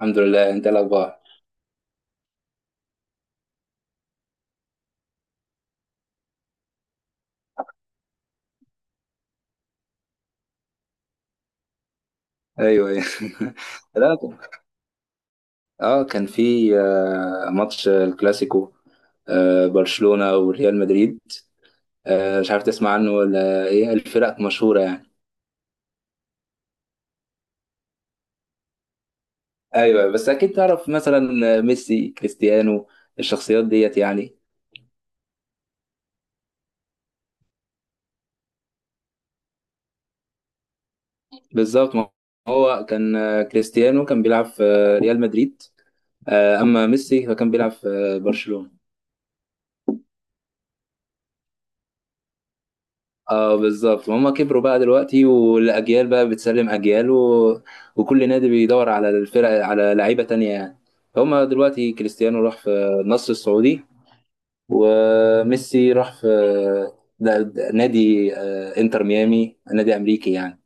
الحمد لله. انت إيه الاخبار؟ ايوه، ايوه. لا. اه، كان في ماتش الكلاسيكو. برشلونة وريال مدريد. مش عارف تسمع عنه ولا ايه، الفرق مشهورة يعني. ايوه، بس اكيد تعرف مثلا ميسي، كريستيانو، الشخصيات ديت يعني. بالظبط، ما هو كان آه، كريستيانو كان بيلعب في ريال مدريد. اما ميسي فكان بيلعب في برشلونة. اه، بالظبط. هما كبروا بقى دلوقتي، والاجيال بقى بتسلم اجيال و وكل نادي بيدور على الفرق، على لعيبه تانية يعني. هما دلوقتي كريستيانو راح في النصر السعودي. وميسي راح في ده نادي انتر ميامي، نادي امريكي يعني.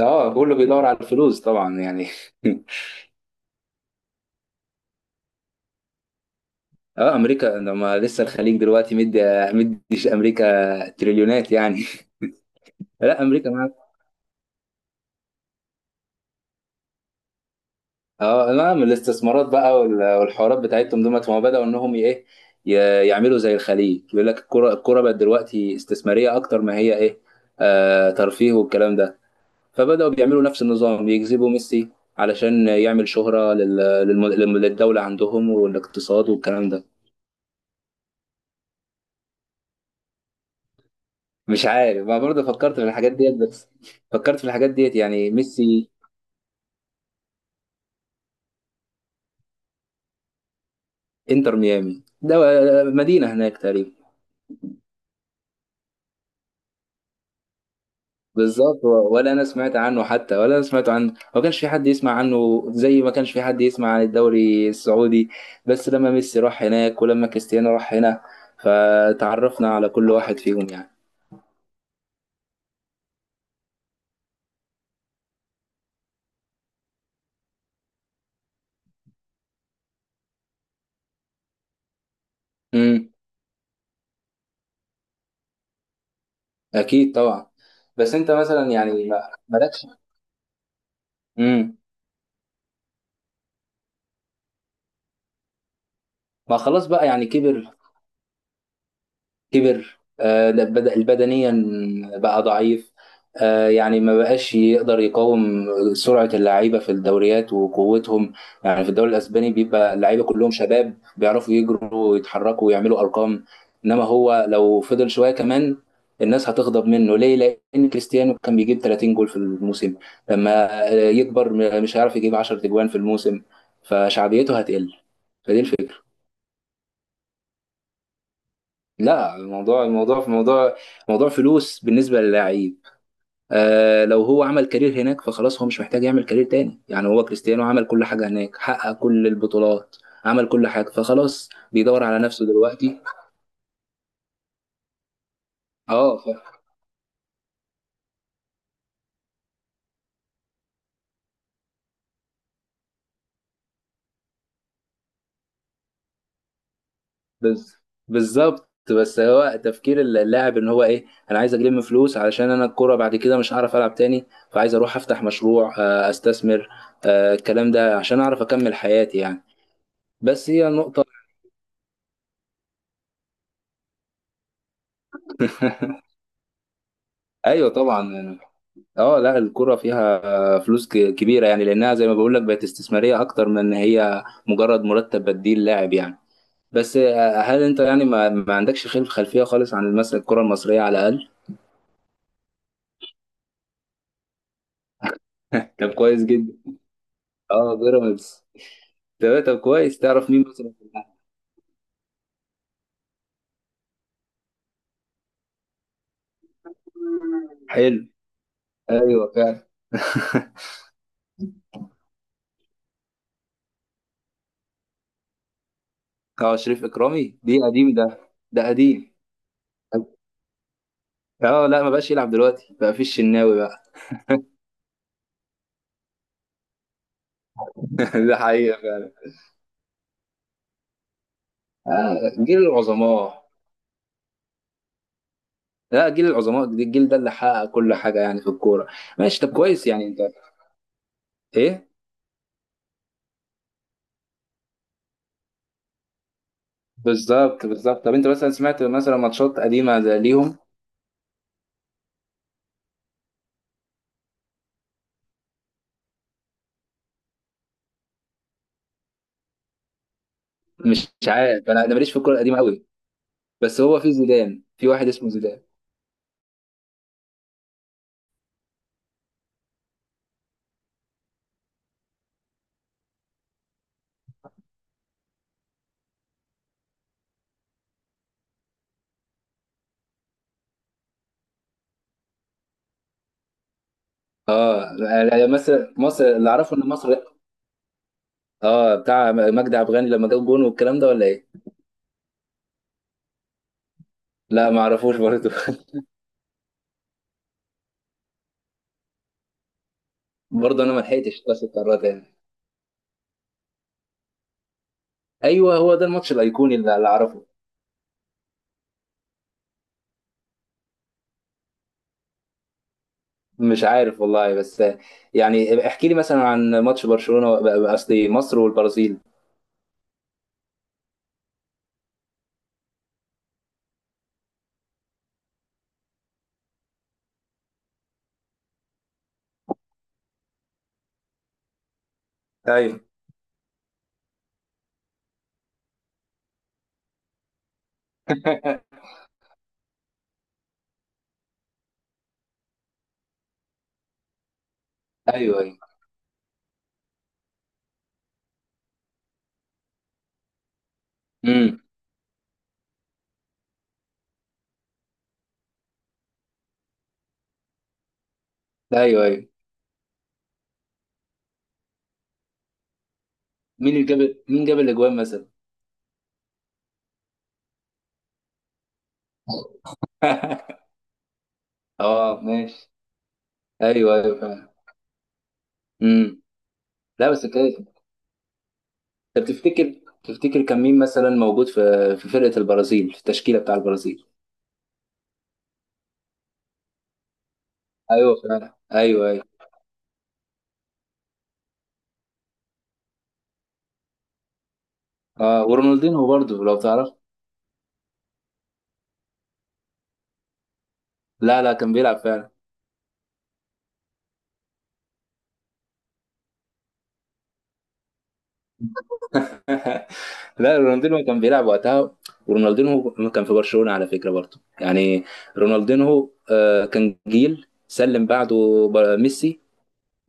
اه، كله بيدور على الفلوس طبعا يعني. اه، امريكا لما لسه الخليج دلوقتي مديش، امريكا تريليونات يعني. لا، امريكا. اه، نعم الاستثمارات بقى والحوارات بتاعتهم دول، ما هو بدأوا انهم ايه، يعملوا زي الخليج. يقول لك الكرة بقت دلوقتي استثمارية اكتر ما هي ايه، ترفيه والكلام ده. فبدأوا بيعملوا نفس النظام، يجذبوا ميسي علشان يعمل شهرة للدولة عندهم والاقتصاد والكلام ده. مش عارف، ما برضه فكرت في الحاجات ديت بس. فكرت في الحاجات ديت يعني، ميسي. انتر ميامي ده مدينة هناك تقريبا. بالظبط، ولا انا سمعت عنه، ما كانش في حد يسمع عنه زي ما كانش في حد يسمع عن الدوري السعودي. بس لما ميسي راح هناك ولما كريستيانو راح هنا، فتعرفنا على كل واحد فيهم يعني. امم. اكيد، طبعا. بس انت مثلا يعني، ما مالكش. امم. ما خلاص بقى يعني، كبر كبر ده بدنيا. بقى ضعيف. يعني ما بقاش يقدر يقاوم سرعة اللعيبة في الدوريات وقوتهم. يعني في الدوري الأسباني بيبقى اللعيبة كلهم شباب، بيعرفوا يجروا ويتحركوا ويعملوا أرقام. إنما هو لو فضل شوية كمان، الناس هتغضب منه ليه؟ لأن كريستيانو كان بيجيب 30 جول في الموسم. لما يكبر، مش هيعرف يجيب 10 تجوان في الموسم، فشعبيته هتقل. فدي الفكرة. لا، الموضوع، في موضوع، موضوع فلوس بالنسبه للاعيب. لو هو عمل كارير هناك، فخلاص هو مش محتاج يعمل كارير تاني يعني. هو كريستيانو عمل كل حاجه هناك، حقق كل البطولات، عمل كل حاجه، فخلاص بيدور على نفسه دلوقتي. اه، بز- بالظبط. بس هو تفكير اللاعب ان هو ايه، انا عايز اجيب فلوس علشان انا الكوره بعد كده مش هعرف العب تاني، فعايز اروح افتح مشروع، استثمر. الكلام ده عشان اعرف اكمل حياتي يعني. بس هي نقطه. ايوه، طبعا. اه، لا، الكرة فيها فلوس كبيرة يعني، لأنها زي ما بقول لك بقت استثمارية أكتر من إن هي مجرد مرتب بديل لاعب يعني. بس هل أنت يعني ما عندكش خلفية خالص عن مثلا الكرة المصرية على الأقل؟ طب، كويس جدا. اه، بيراميدز. تمام. طب كويس، تعرف مين مثلا في الأهلي؟ حلو. ايوه، فعلا. اه، شريف إكرامي دي قديم ده. ده قديم. اه، لا، ما بقاش يلعب دلوقتي، بقى في الشناوي بقى. ده حقيقة فعلا. جيل العظماء. لا، جيل العظماء، الجيل ده اللي حقق كل حاجه يعني في الكوره. ماشي، طب كويس يعني انت ايه. بالظبط، بالظبط. طب انت مثلا سمعت مثلا ماتشات قديمه زي ليهم؟ مش عارف. انا ماليش في الكوره القديمه قوي. بس هو في زيدان، في واحد اسمه زيدان. اه، مصر اللي اعرفه ان مصر اه، بتاع مجدي عبد الغني لما جاب جون والكلام ده، ولا ايه؟ لا، ما اعرفوش برضه. برضه انا ما لحقتش، بس القرارات يعني. ايوه، هو ده الماتش الايقوني اللي اعرفه. مش عارف والله، بس يعني احكي لي مثلا عن ماتش برشلونة. قصدي مصر والبرازيل. ايوه. ايوه، ايوه. امم. ايوه، ايوه. مين جاب الاجوان مثلا؟ اه، ماشي. ايوه، ايوه، فعلا. امم. لا، بس كده انت تفتكر كان مين مثلا موجود في، في فرقة البرازيل، في التشكيلة بتاع البرازيل؟ ايوه، فعلا. ايوه، ايوه. اه، ورونالدينو برضه لو تعرف. لا، لا، كان بيلعب فعلا. لا، رونالدينو كان بيلعب وقتها. ورونالدينو كان في برشلونة على فكرة برضه يعني. رونالدينو كان جيل سلم بعده ميسي.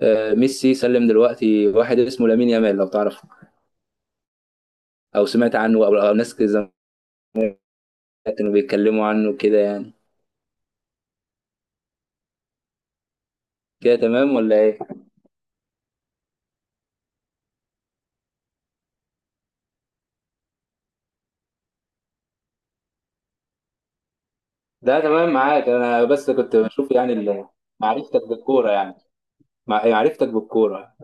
ميسي سلم دلوقتي واحد اسمه لامين يامال لو تعرفه، او سمعت عنه، او ناس كده زمان كانوا بيتكلموا عنه كده يعني. كده تمام ولا ايه؟ ده تمام معاك، انا بس كنت بشوف يعني معرفتك بالكوره يعني. معرفتك بالكوره.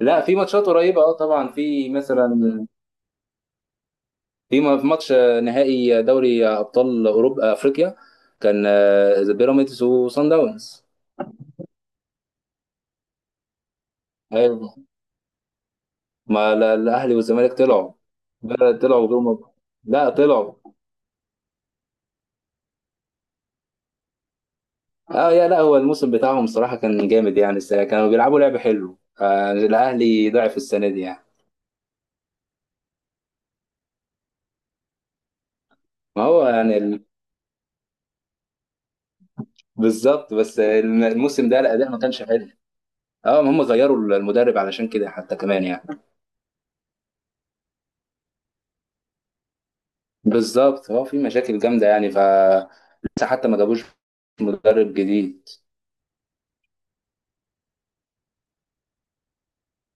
لا، في ماتشات قريبه اه، طبعا. في مثلا في ماتش نهائي دوري ابطال اوروبا افريقيا. كان بيراميدز وصن داونز. ايوه. ما لا- الاهلي والزمالك طلعوا. لا، طلعوا جم. لا، طلعوا. اه يا، لا هو الموسم بتاعهم صراحه كان جامد يعني، السنه كانوا بيلعبوا لعب حلو. الاهلي ضعف السنه دي يعني. ما هو يعني بالظبط، بس الموسم ده الاداء ما كانش حلو. اه، ما هم غيروا المدرب علشان كده حتى كمان يعني. بالظبط، هو في مشاكل جامده يعني لسه حتى ما جابوش مدرب جديد.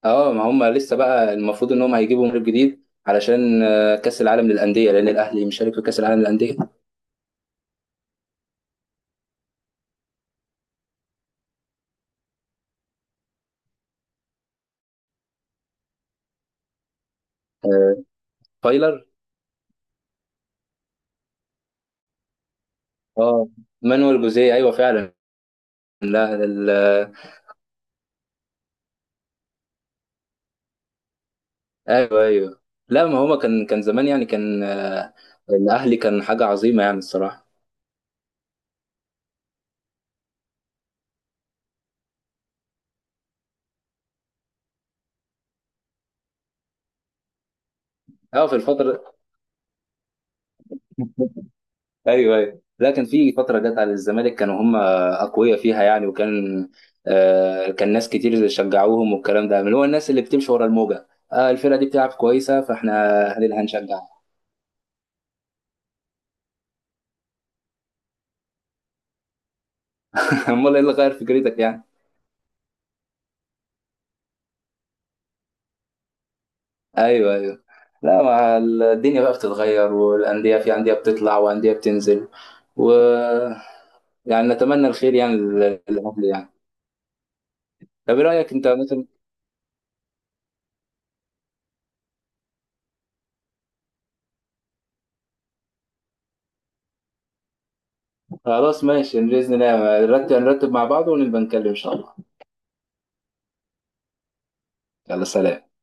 اه، ما هم لسه بقى المفروض ان هم هيجيبوا مدرب جديد علشان كاس العالم للانديه، لان الاهلي مشارك في كاس العالم للانديه. آه، فايلر. اه، مانويل جوزيه. ايوه، فعلا. لا ايوه، ايوه. لا، ما هو كان زمان يعني، كان الاهلي كان حاجه عظيمه يعني الصراحه. اه، في الفتره. ايوه، ايوه. لا، كان في فتره جت على الزمالك، كانوا هم اقوياء فيها يعني، وكان كان ناس كتير شجعوهم والكلام ده، اللي هو الناس اللي بتمشي ورا الموجه. الفرقه دي بتلعب كويسه، فاحنا هنشجعها. امال ايه اللي غير فكرتك يعني؟ ايوه، ايوه. لا، مع الدنيا بقى بتتغير، والانديه، في انديه بتطلع وانديه بتنزل، و يعني نتمنى الخير يعني للاهلي يعني. طب ايه رايك انت مثلا؟ خلاص، ماشي. باذن الله نرتب، مع بعض ونبقى نتكلم ان شاء الله. يلا، سلام.